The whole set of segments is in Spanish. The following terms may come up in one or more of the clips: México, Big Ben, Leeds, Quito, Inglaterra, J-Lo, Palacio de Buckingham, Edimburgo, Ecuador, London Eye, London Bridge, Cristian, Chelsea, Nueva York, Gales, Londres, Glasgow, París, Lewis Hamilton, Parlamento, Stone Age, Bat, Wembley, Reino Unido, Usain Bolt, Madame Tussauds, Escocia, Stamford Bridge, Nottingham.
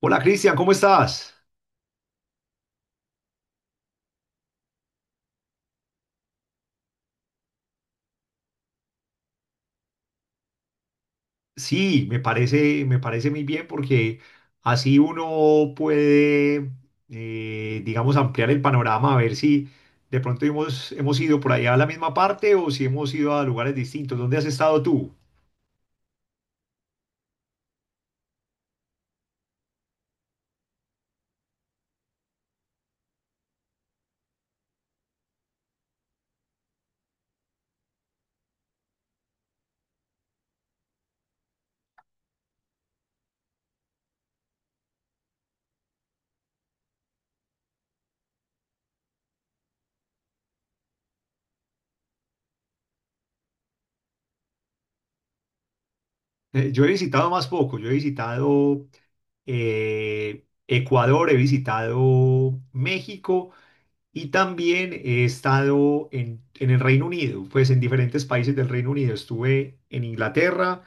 Hola Cristian, ¿cómo estás? Sí, me parece muy bien porque así uno puede, digamos, ampliar el panorama, a ver si de pronto hemos ido por allá a la misma parte o si hemos ido a lugares distintos. ¿Dónde has estado tú? Yo he visitado más poco, yo he visitado Ecuador, he visitado México y también he estado en el Reino Unido, pues en diferentes países del Reino Unido. Estuve en Inglaterra.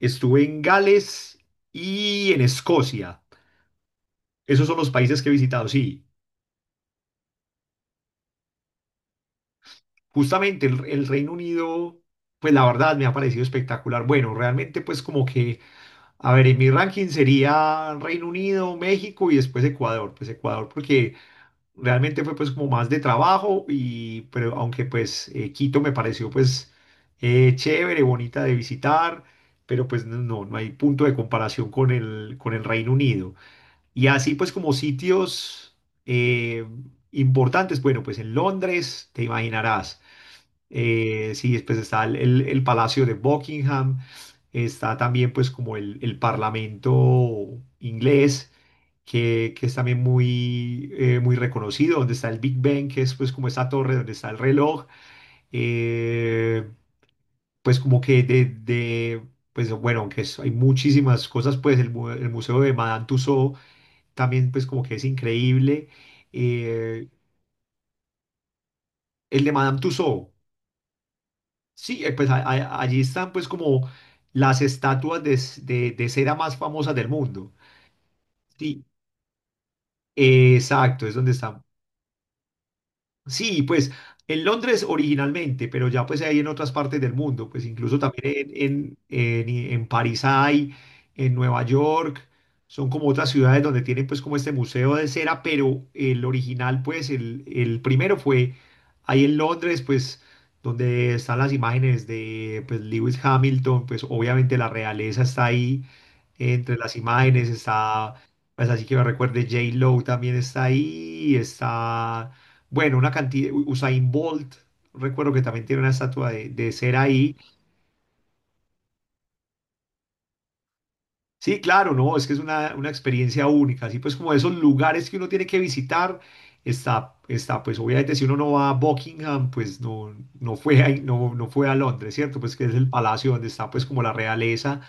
Estuve en Gales y en Escocia. Esos son los países que he visitado. Sí, justamente el Reino Unido, pues la verdad me ha parecido espectacular. Bueno, realmente pues como que, a ver, en mi ranking sería Reino Unido, México y después Ecuador. Pues Ecuador porque realmente fue pues como más de trabajo y, pero aunque pues Quito me pareció pues chévere, bonita de visitar, pero pues no, no hay punto de comparación con con el Reino Unido. Y así pues como sitios eh, importantes, bueno, pues en Londres, te imaginarás, sí, pues está el Palacio de Buckingham, está también pues como el Parlamento inglés, que es también muy, muy reconocido, donde está el Big Ben, que es pues como esta torre donde está el reloj, eh, pues como que pues bueno, hay muchísimas cosas, pues el Museo de Madame Tussauds, también pues como que es increíble. Eh, el de Madame Tussauds, sí, pues allí están pues como las estatuas de cera más famosas del mundo. Sí, exacto, es donde están. Sí, pues en Londres originalmente, pero ya pues hay en otras partes del mundo, pues incluso también en París hay, en Nueva York, son como otras ciudades donde tienen pues como este museo de cera, pero el original pues el primero fue ahí en Londres pues donde están las imágenes de pues Lewis Hamilton, pues obviamente la realeza está ahí entre las imágenes, está pues así que me recuerde J-Lo también está ahí, está... Bueno, una cantidad, Usain Bolt, recuerdo que también tiene una estatua de ser ahí. Sí, claro, no, es que es una experiencia única, así pues como esos lugares que uno tiene que visitar, está, pues obviamente si uno no va a Buckingham, pues no, no fue ahí, no, no fue a Londres, ¿cierto? Pues que es el palacio donde está pues como la realeza.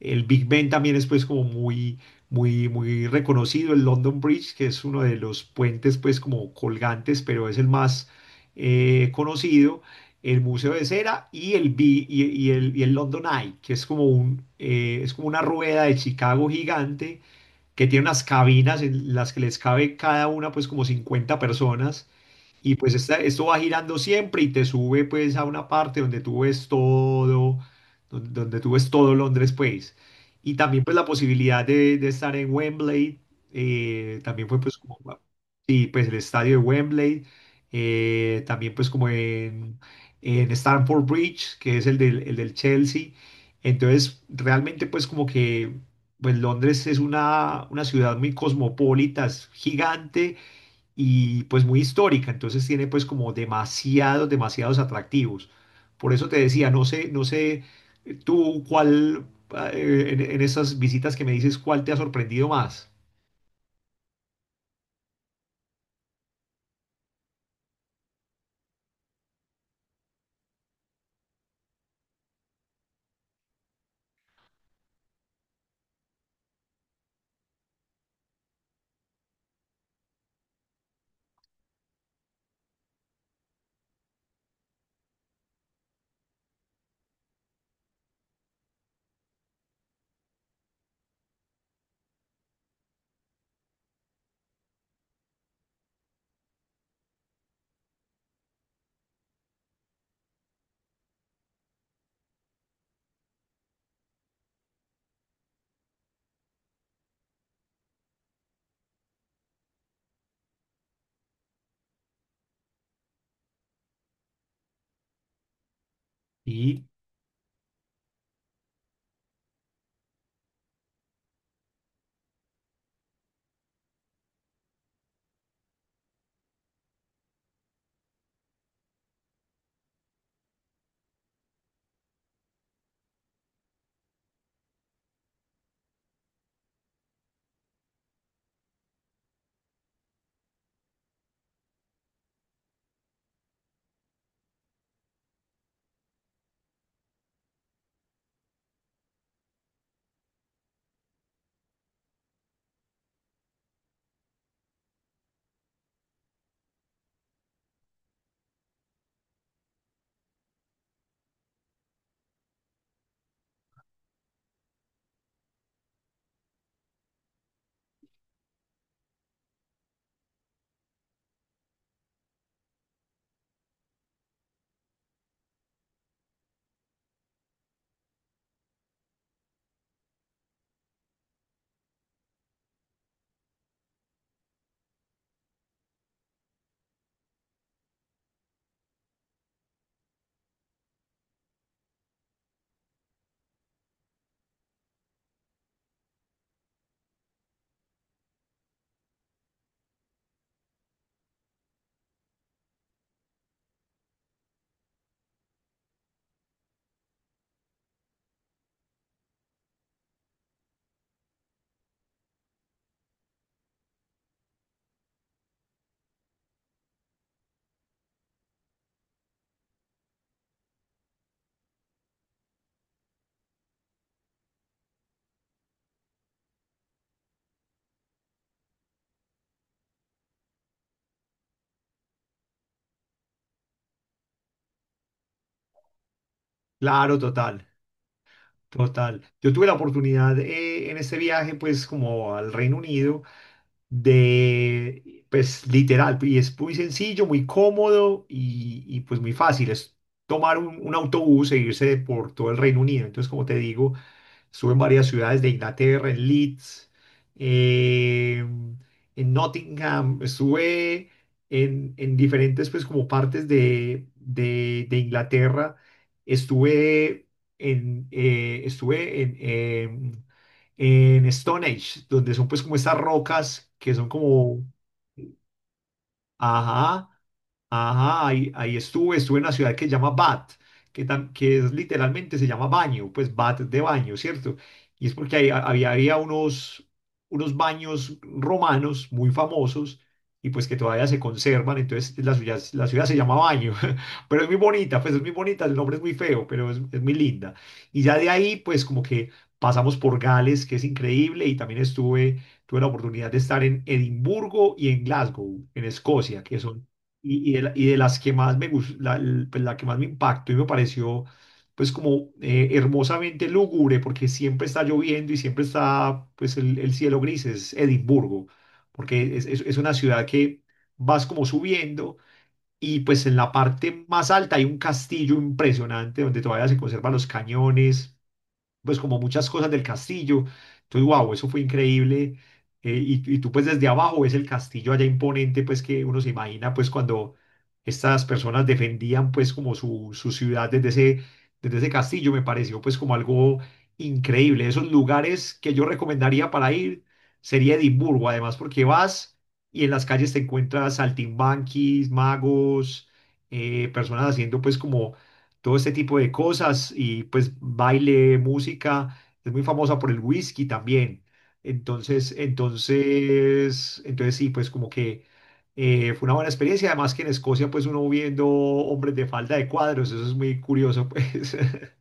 El Big Ben también es pues como muy, muy, muy reconocido. El London Bridge, que es uno de los puentes pues como colgantes, pero es el más conocido. El Museo de Cera y el, Bi- y el London Eye, que es como, un, es como una rueda de Chicago gigante que tiene unas cabinas en las que les cabe cada una pues como 50 personas y pues esto va girando siempre y te sube pues a una parte donde tú ves todo, donde tú ves todo Londres pues. Y también pues la posibilidad de estar en Wembley, también fue pues como, sí, pues el estadio de Wembley, también pues como en Stamford Bridge, que es el del Chelsea. Entonces realmente pues como que pues Londres es una ciudad muy cosmopolita, es gigante y pues muy histórica, entonces tiene pues como demasiados, demasiados atractivos. Por eso te decía, no sé, no sé tú cuál ah, en esas visitas que me dices, cuál te ha sorprendido más. Y claro, total, total. Yo tuve la oportunidad en este viaje pues como al Reino Unido de, pues literal, y es muy sencillo, muy cómodo y, pues muy fácil. Es tomar un autobús e irse por todo el Reino Unido. Entonces, como te digo, estuve en varias ciudades de Inglaterra, en Leeds, eh, en Nottingham, estuve en diferentes, pues, como partes de Inglaterra. Estuve estuve en Stone Age, donde son, pues, como estas rocas que son como, ajá, ajá, ahí, ahí estuve, estuve en una ciudad que se llama Bat, que, que es, literalmente se llama baño, pues Bat de baño, ¿cierto? Y es porque había, había unos, unos baños romanos muy famosos y pues que todavía se conservan, entonces la ciudad se llama Baño, pero es muy bonita, pues es muy bonita, el nombre es muy feo, pero es muy linda. Y ya de ahí, pues como que pasamos por Gales, que es increíble, y también estuve, tuve la oportunidad de estar en Edimburgo y en Glasgow, en Escocia, que son. Y, y de, de las que más me gus- la, l- pues, la que más me impactó y me pareció pues como hermosamente lúgubre porque siempre está lloviendo y siempre está pues el cielo gris es Edimburgo, porque es, es una ciudad que vas como subiendo y pues en la parte más alta hay un castillo impresionante donde todavía se conservan los cañones pues como muchas cosas del castillo. Entonces, wow, eso fue increíble. Y tú pues desde abajo ves el castillo allá imponente, pues que uno se imagina pues cuando estas personas defendían pues como su ciudad desde ese castillo, me pareció pues como algo increíble. Esos lugares que yo recomendaría para ir sería Edimburgo, además porque vas y en las calles te encuentras saltimbanquis, magos, personas haciendo pues como todo este tipo de cosas y pues baile, música, es muy famosa por el whisky también. Entonces sí, pues como que fue una buena experiencia, además que en Escocia pues uno viendo hombres de falda de cuadros, eso es muy curioso pues.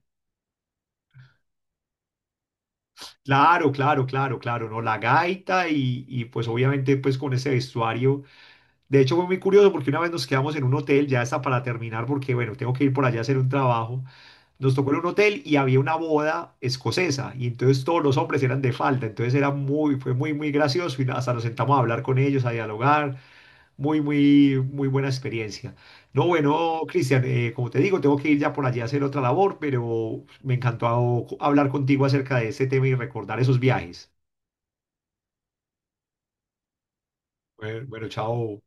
Claro, claro, claro, claro, ¿no? La gaita y pues obviamente pues con ese vestuario. De hecho fue muy curioso porque una vez nos quedamos en un hotel, ya está para terminar porque bueno, tengo que ir por allá a hacer un trabajo. Nos tocó en un hotel y había una boda escocesa y entonces todos los hombres eran de falda, entonces era muy, fue muy, muy gracioso y hasta nos sentamos a hablar con ellos, a dialogar, muy, muy, muy buena experiencia. No, bueno, Cristian, como te digo, tengo que ir ya por allí a hacer otra labor, pero me encantó hablar contigo acerca de este tema y recordar esos viajes. Bueno, bueno, chao.